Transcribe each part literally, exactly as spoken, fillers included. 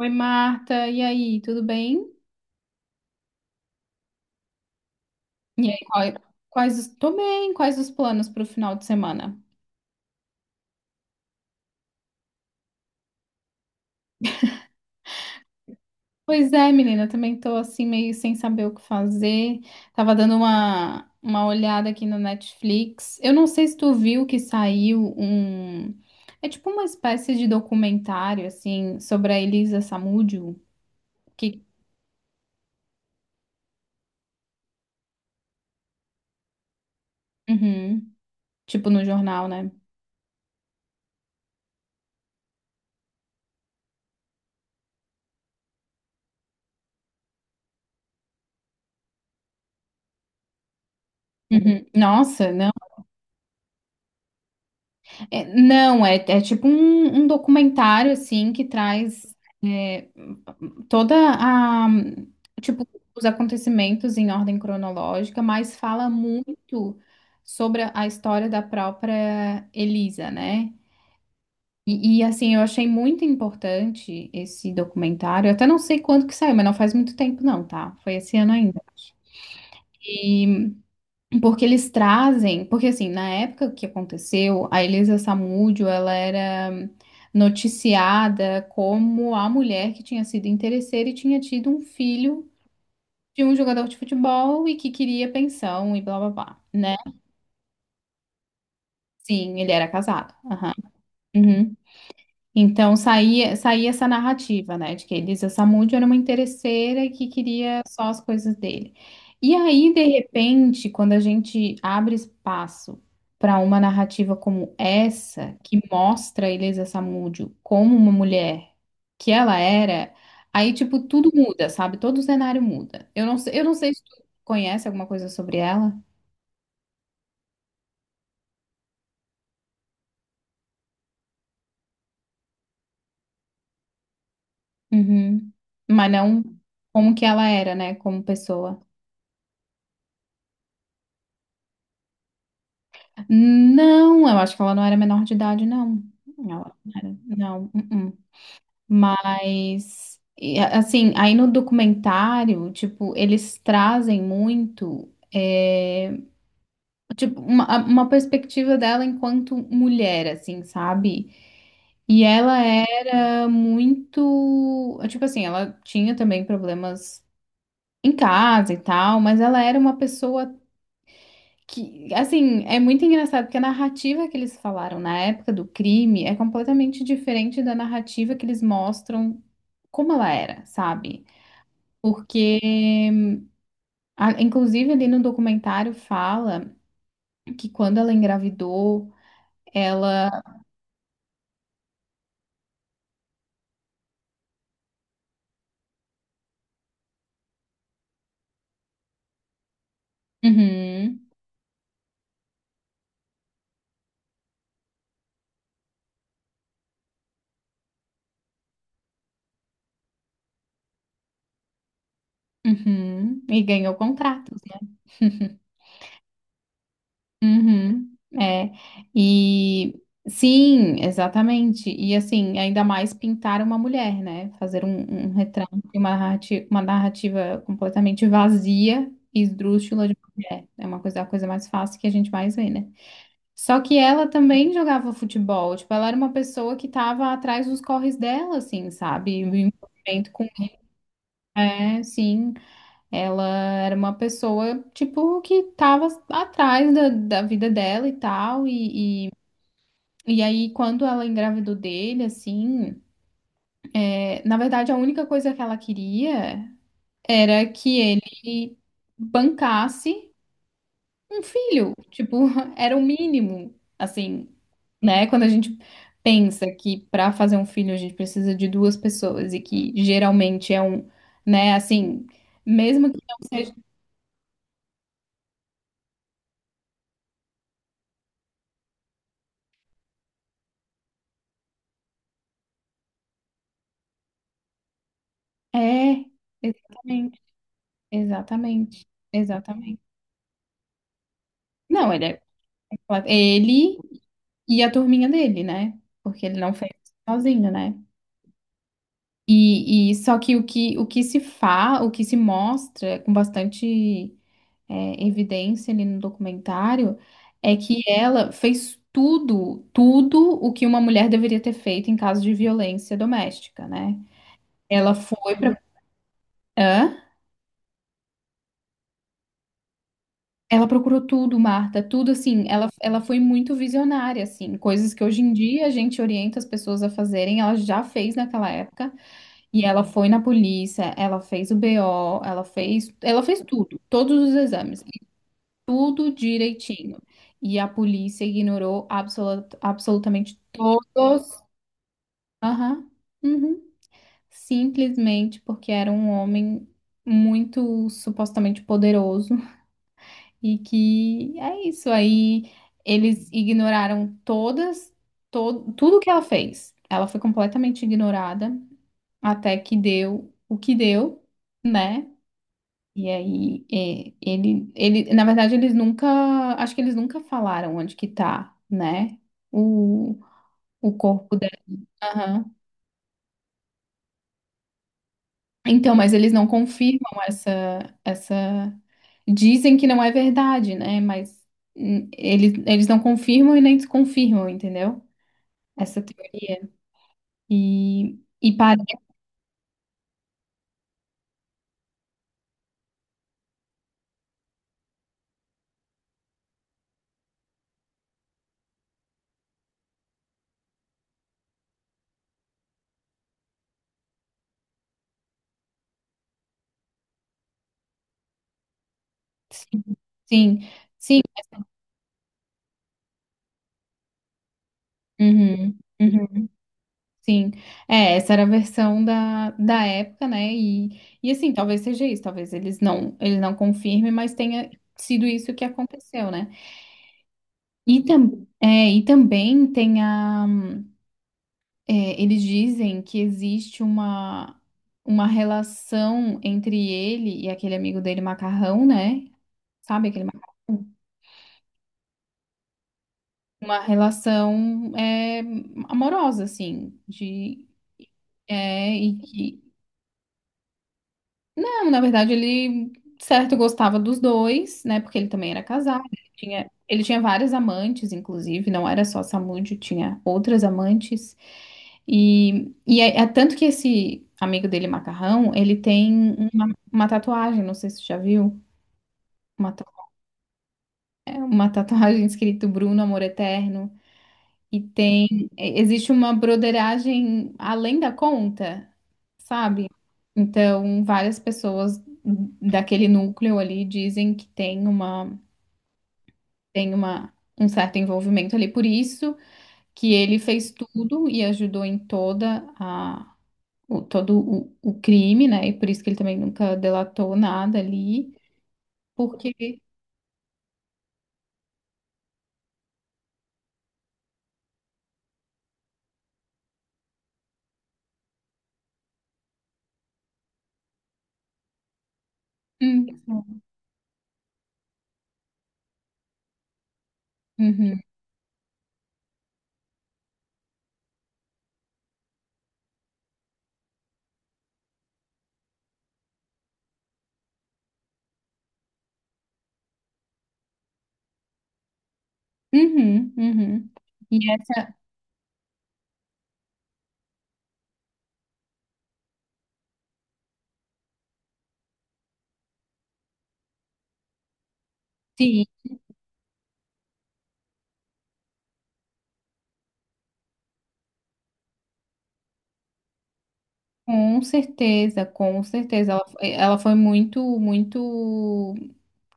Oi, Marta, e aí, tudo bem? E aí, qual- quais os... Tô bem. Quais os planos para o final de semana? Pois é, menina, também tô assim meio sem saber o que fazer. Tava dando uma, uma olhada aqui no Netflix. Eu não sei se tu viu que saiu um... É tipo uma espécie de documentário, assim, sobre a Elisa Samúdio, que... Uhum. Tipo no jornal, né? Uhum. Nossa, não. É, não, é, é tipo um, um documentário, assim, que traz é, toda a, tipo, os acontecimentos em ordem cronológica, mas fala muito sobre a a história da própria Elisa, né? E, e, assim, eu achei muito importante esse documentário. Eu até não sei quando que saiu, mas não faz muito tempo não, tá? Foi esse ano ainda. E Porque eles trazem, porque assim, na época que aconteceu, a Elisa Samúdio, ela era noticiada como a mulher que tinha sido interesseira e tinha tido um filho de um jogador de futebol e que queria pensão e blá blá blá, né? Sim, ele era casado. Aham. Uhum. Então saía, saía essa narrativa, né, de que a Elisa Samúdio era uma interesseira e que queria só as coisas dele. E aí, de repente, quando a gente abre espaço para uma narrativa como essa, que mostra a Elisa Samúdio como uma mulher que ela era, aí, tipo, tudo muda, sabe? Todo o cenário muda. Eu não sei, eu não sei se tu conhece alguma coisa sobre ela. Uhum. Mas não como que ela era, né, como pessoa. Não, eu acho que ela não era menor de idade, não. Ela não era, não. Uh-uh. Mas, e, a- assim, aí no documentário, tipo, eles trazem muito, é, tipo, uma, a- uma perspectiva dela enquanto mulher, assim, sabe? E ela era muito, tipo assim, ela tinha também problemas em casa e tal, mas ela era uma pessoa. Que, assim, é muito engraçado porque a narrativa que eles falaram na época do crime é completamente diferente da narrativa que eles mostram como ela era, sabe? Porque, a- inclusive, ali no documentário fala que quando ela engravidou, ela. Uhum, uhum, e ganhou contratos, né? Uhum, é. E sim, exatamente. E assim, ainda mais pintar uma mulher, né? Fazer um, um retrato, uma narrativa, uma narrativa completamente vazia e esdrúxula de uma mulher. É uma coisa, a coisa mais fácil que a gente mais vê, né? Só que ela também jogava futebol. Tipo, ela era uma pessoa que tava atrás dos corres dela, assim, sabe? O envolvimento com. É, sim. Ela era uma pessoa, tipo, que tava atrás da, da vida dela e tal. E, e, e aí, quando ela engravidou dele, assim, é, na verdade, a única coisa que ela queria era que ele bancasse um filho. Tipo, era o mínimo, assim, né? Quando a gente pensa que para fazer um filho a gente precisa de duas pessoas e que geralmente é um, né, assim, mesmo que não seja. É, exatamente. Exatamente, exatamente. Não, ele é completo. Ele e a turminha dele, né? Porque ele não fez sozinho, né? E, e só que o que, o que se fa, o que se mostra com bastante é, evidência ali no documentário é que ela fez tudo, tudo o que uma mulher deveria ter feito em caso de violência doméstica, né? Ela foi pra. Hã? Ela procurou tudo, Marta, tudo assim. Ela, ela foi muito visionária, assim. Coisas que hoje em dia a gente orienta as pessoas a fazerem, ela já fez naquela época. E ela foi na polícia, ela fez o B O, ela fez, ela fez tudo, todos os exames, e tudo direitinho. E a polícia ignorou absolu- absolutamente todos. Aham. Uhum. Simplesmente porque era um homem muito supostamente poderoso. E que é isso. Aí eles ignoraram todas, todo, tudo que ela fez. Ela foi completamente ignorada até que deu o que deu, né? E aí é, ele, ele, na verdade, eles nunca, acho que eles nunca falaram onde que tá, né? O, o corpo dela. Então, mas eles não confirmam essa, essa. Dizem que não é verdade, né? Mas hum, eles, eles não confirmam e nem desconfirmam, entendeu? Essa teoria. E, e parece. Sim, sim. Uhum, uhum, sim. É, essa era a versão da, da época, né? E, e assim, talvez seja isso, talvez eles não, eles não confirmem, mas tenha sido isso que aconteceu, né? E, tam, é, e também tem a. É, eles dizem que existe uma, uma relação entre ele e aquele amigo dele, Macarrão, né? Sabe aquele macarrão? Uma relação é, amorosa, assim, de, é, e que não, na verdade, ele, certo, gostava dos dois, né? Porque ele também era casado, ele tinha, ele tinha várias amantes, inclusive, não era só essa amante, tinha outras amantes. E, e é, é tanto que esse amigo dele, Macarrão, ele tem uma, uma tatuagem, não sei se você já viu, uma, ta- é, uma tatuagem escrito Bruno, Amor Eterno. E tem, é, existe uma broderagem além da conta, sabe? Então, várias pessoas daquele núcleo ali dizem que tem uma, tem uma, um certo envolvimento ali, por isso que ele fez tudo e ajudou em toda a, o, todo o, o crime, né? E por isso que ele também nunca delatou nada ali, porque... Hum, uhum, uhum, uhum. E essa, sim. Com certeza, com certeza. Ela, foi- ela foi muito, muito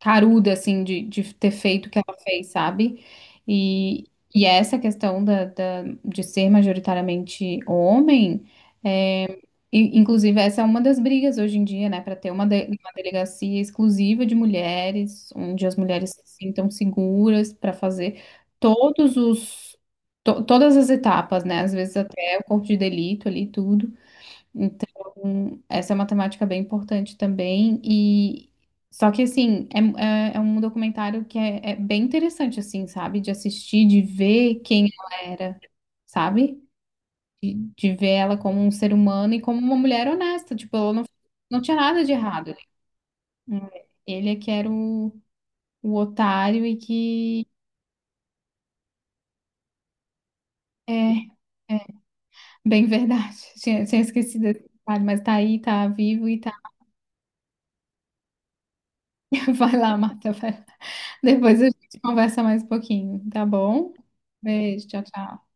caruda, assim, de, de ter feito o que ela fez, sabe? E, e essa questão da, da- de ser majoritariamente homem, é, e, inclusive, essa é uma das brigas hoje em dia, né? Para ter uma, de- uma delegacia exclusiva de mulheres, onde as mulheres se sintam seguras para fazer todos os, to- todas as etapas, né? Às vezes até o corpo de delito ali, tudo. Então, essa é uma temática bem importante também. E só que assim, é, é, é um documentário que é, é bem interessante, assim, sabe? De assistir, de ver quem ela era, sabe? De, de ver ela como um ser humano e como uma mulher honesta. Tipo, ela não, não tinha nada de errado ali. Ele é que era o, o otário, e que é é bem verdade. Tinha, tinha esquecido esse detalhe, mas tá aí, tá vivo e vai lá, Marta, vai lá. Depois a gente conversa mais um pouquinho, tá bom? Beijo, tchau, tchau.